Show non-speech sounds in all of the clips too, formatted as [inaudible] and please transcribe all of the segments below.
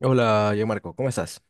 Hola, yo Marco, ¿cómo estás?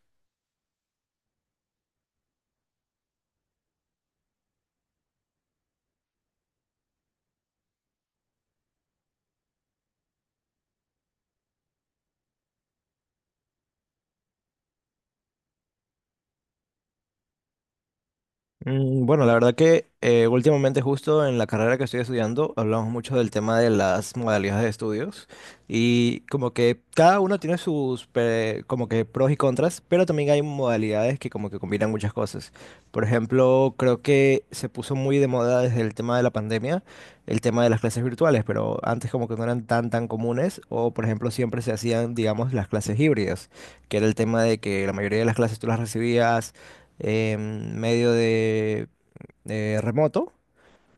Mm, bueno, la verdad que últimamente justo en la carrera que estoy estudiando hablamos mucho del tema de las modalidades de estudios y como que cada uno tiene como que pros y contras, pero también hay modalidades que como que combinan muchas cosas. Por ejemplo, creo que se puso muy de moda desde el tema de la pandemia el tema de las clases virtuales, pero antes como que no eran tan comunes o por ejemplo siempre se hacían, digamos, las clases híbridas, que era el tema de que la mayoría de las clases tú las recibías medio de remoto,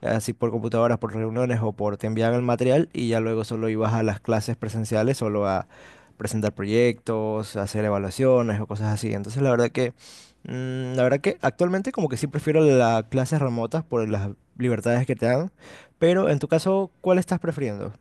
así por computadoras, por reuniones o por te enviaban el material y ya luego solo ibas a las clases presenciales, solo a presentar proyectos, hacer evaluaciones o cosas así. Entonces la verdad que, la verdad que actualmente como que sí prefiero las clases remotas por las libertades que te dan, pero en tu caso, ¿cuál estás prefiriendo?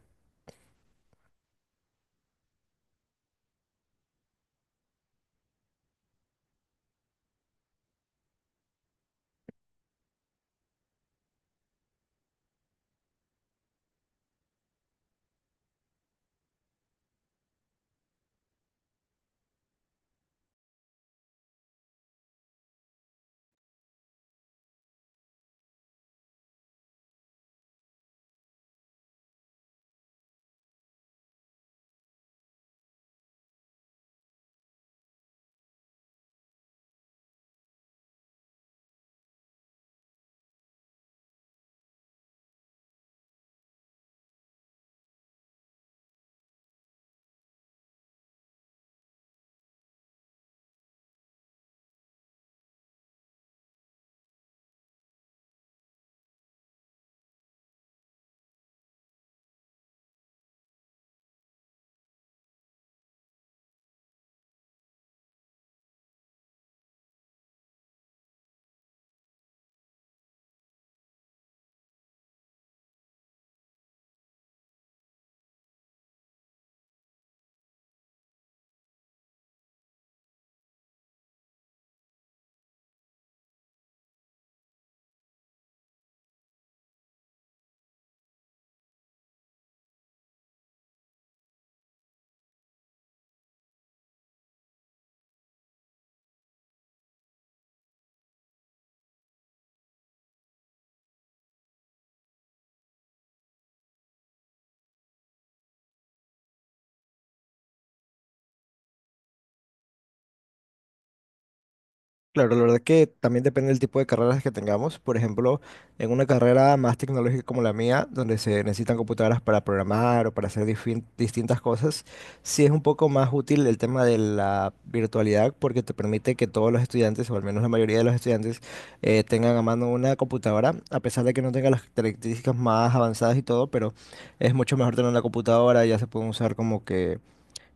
Claro, la verdad que también depende del tipo de carreras que tengamos. Por ejemplo, en una carrera más tecnológica como la mía, donde se necesitan computadoras para programar o para hacer distintas cosas, sí es un poco más útil el tema de la virtualidad porque te permite que todos los estudiantes, o al menos la mayoría de los estudiantes, tengan a mano una computadora, a pesar de que no tenga las características más avanzadas y todo, pero es mucho mejor tener una computadora, ya se pueden usar como que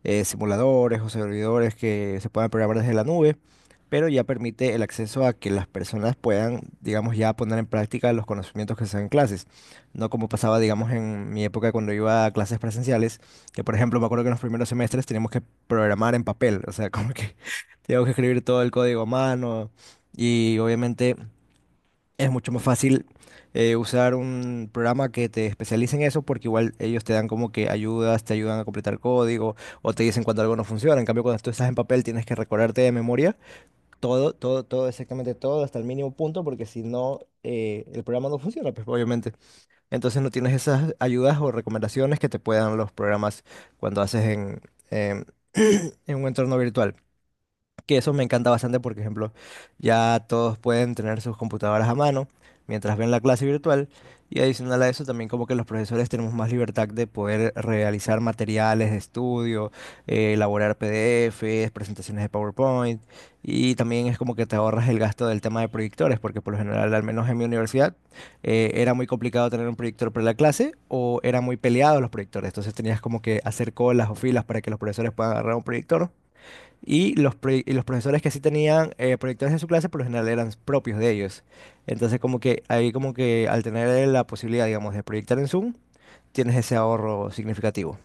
simuladores o servidores que se puedan programar desde la nube, pero ya permite el acceso a que las personas puedan, digamos, ya poner en práctica los conocimientos que se dan en clases. No como pasaba, digamos, en mi época cuando iba a clases presenciales, que por ejemplo me acuerdo que en los primeros semestres teníamos que programar en papel, o sea, [laughs] como que teníamos que escribir todo el código a mano y obviamente... Es mucho más fácil usar un programa que te especialice en eso porque igual ellos te dan como que ayudas, te ayudan a completar código o te dicen cuando algo no funciona. En cambio, cuando tú estás en papel tienes que recordarte de memoria todo, todo, todo, exactamente todo hasta el mínimo punto porque si no, el programa no funciona, pues obviamente. Entonces no tienes esas ayudas o recomendaciones que te puedan los programas cuando haces em, [clears throat] en un entorno virtual que eso me encanta bastante, por ejemplo, ya todos pueden tener sus computadoras a mano mientras ven la clase virtual y adicional a eso también como que los profesores tenemos más libertad de poder realizar materiales de estudio, elaborar PDFs, presentaciones de PowerPoint y también es como que te ahorras el gasto del tema de proyectores, porque por lo general, al menos en mi universidad, era muy complicado tener un proyector para la clase o era muy peleado los proyectores, entonces tenías como que hacer colas o filas para que los profesores puedan agarrar un proyector y y los profesores que sí tenían proyectores en su clase, por lo general eran propios de ellos. Entonces, como que ahí como que al tener la posibilidad, digamos, de proyectar en Zoom, tienes ese ahorro significativo.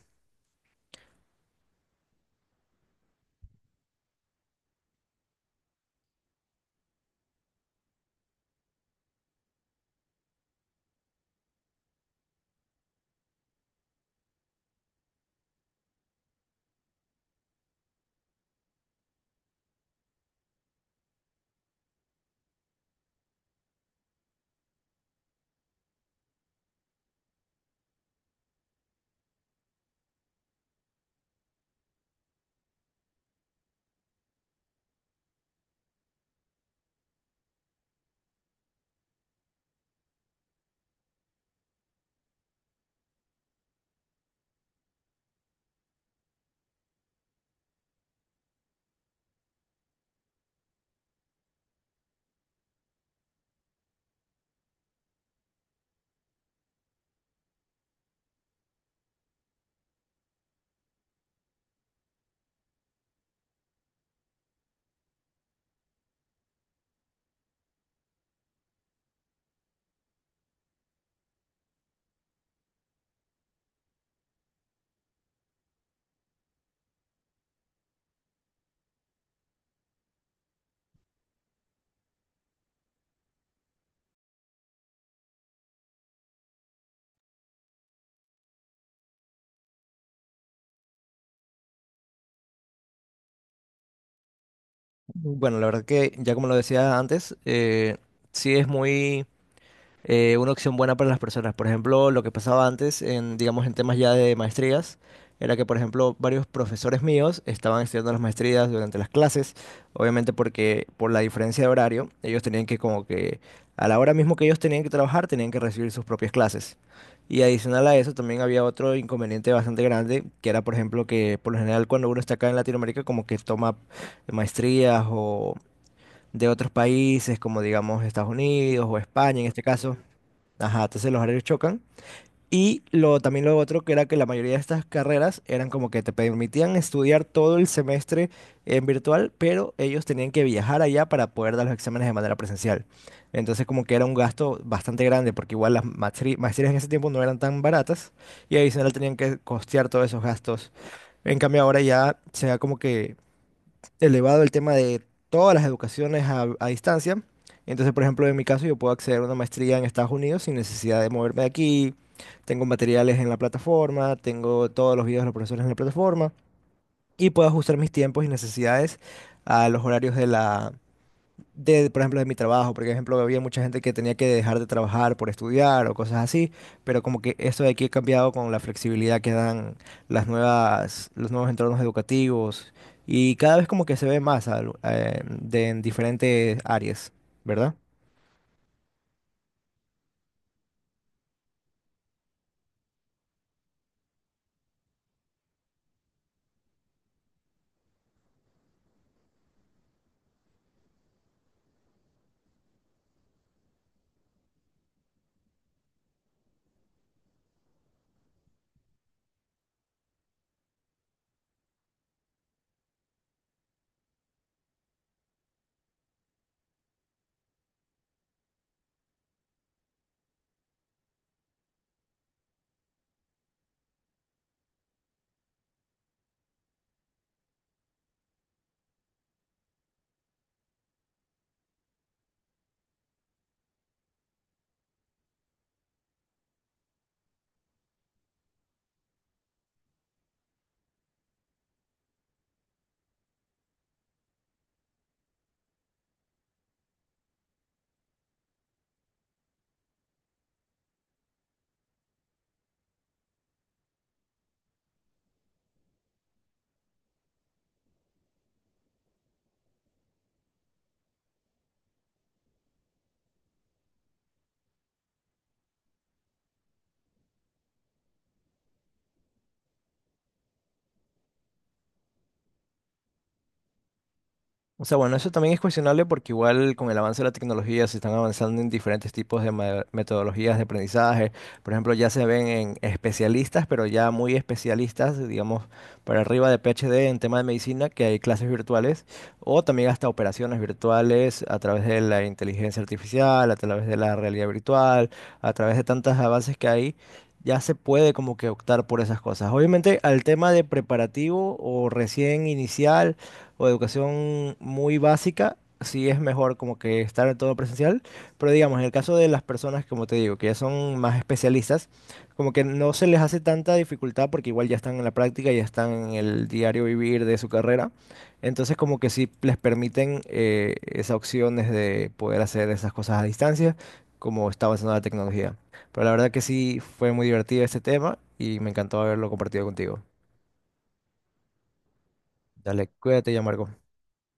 Bueno, la verdad que ya como lo decía antes, sí es muy una opción buena para las personas. Por ejemplo, lo que pasaba antes en, digamos, en temas ya de maestrías, era que, por ejemplo, varios profesores míos estaban estudiando las maestrías durante las clases, obviamente porque por la diferencia de horario, ellos tenían que como que a la hora mismo que ellos tenían que trabajar, tenían que recibir sus propias clases. Y adicional a eso, también había otro inconveniente bastante grande, que era, por ejemplo, que por lo general cuando uno está acá en Latinoamérica, como que toma maestrías o de otros países, como digamos Estados Unidos o España en este caso. Ajá, entonces los horarios chocan. Y lo, también lo otro que era que la mayoría de estas carreras eran como que te permitían estudiar todo el semestre en virtual, pero ellos tenían que viajar allá para poder dar los exámenes de manera presencial. Entonces como que era un gasto bastante grande, porque igual las maestrías en ese tiempo no eran tan baratas y adicional tenían que costear todos esos gastos. En cambio ahora ya se da como que elevado el tema de todas las educaciones a distancia. Entonces, por ejemplo, en mi caso, yo puedo acceder a una maestría en Estados Unidos sin necesidad de moverme de aquí. Tengo materiales en la plataforma, tengo todos los videos de los profesores en la plataforma y puedo ajustar mis tiempos y necesidades a los horarios de la, de, por ejemplo, de mi trabajo, porque, por ejemplo, había mucha gente que tenía que dejar de trabajar por estudiar o cosas así, pero como que esto de aquí ha cambiado con la flexibilidad que dan las nuevas, los nuevos entornos educativos y cada vez como que se ve de, en diferentes áreas, ¿verdad? O sea, bueno, eso también es cuestionable porque igual con el avance de la tecnología se están avanzando en diferentes tipos de metodologías de aprendizaje. Por ejemplo, ya se ven en especialistas, pero ya muy especialistas, digamos, para arriba de PhD en tema de medicina, que hay clases virtuales o también hasta operaciones virtuales a través de la inteligencia artificial, a través de la realidad virtual, a través de tantos avances que hay. Ya se puede como que optar por esas cosas. Obviamente al tema de preparativo o recién inicial o educación muy básica, sí es mejor como que estar en todo presencial, pero digamos, en el caso de las personas, como te digo, que ya son más especialistas, como que no se les hace tanta dificultad porque igual ya están en la práctica, ya están en el diario vivir de su carrera, entonces como que sí les permiten esas opciones de poder hacer esas cosas a distancia, como está avanzando la tecnología. Pero la verdad que sí fue muy divertido este tema y me encantó haberlo compartido contigo. Dale, cuídate ya, Marco.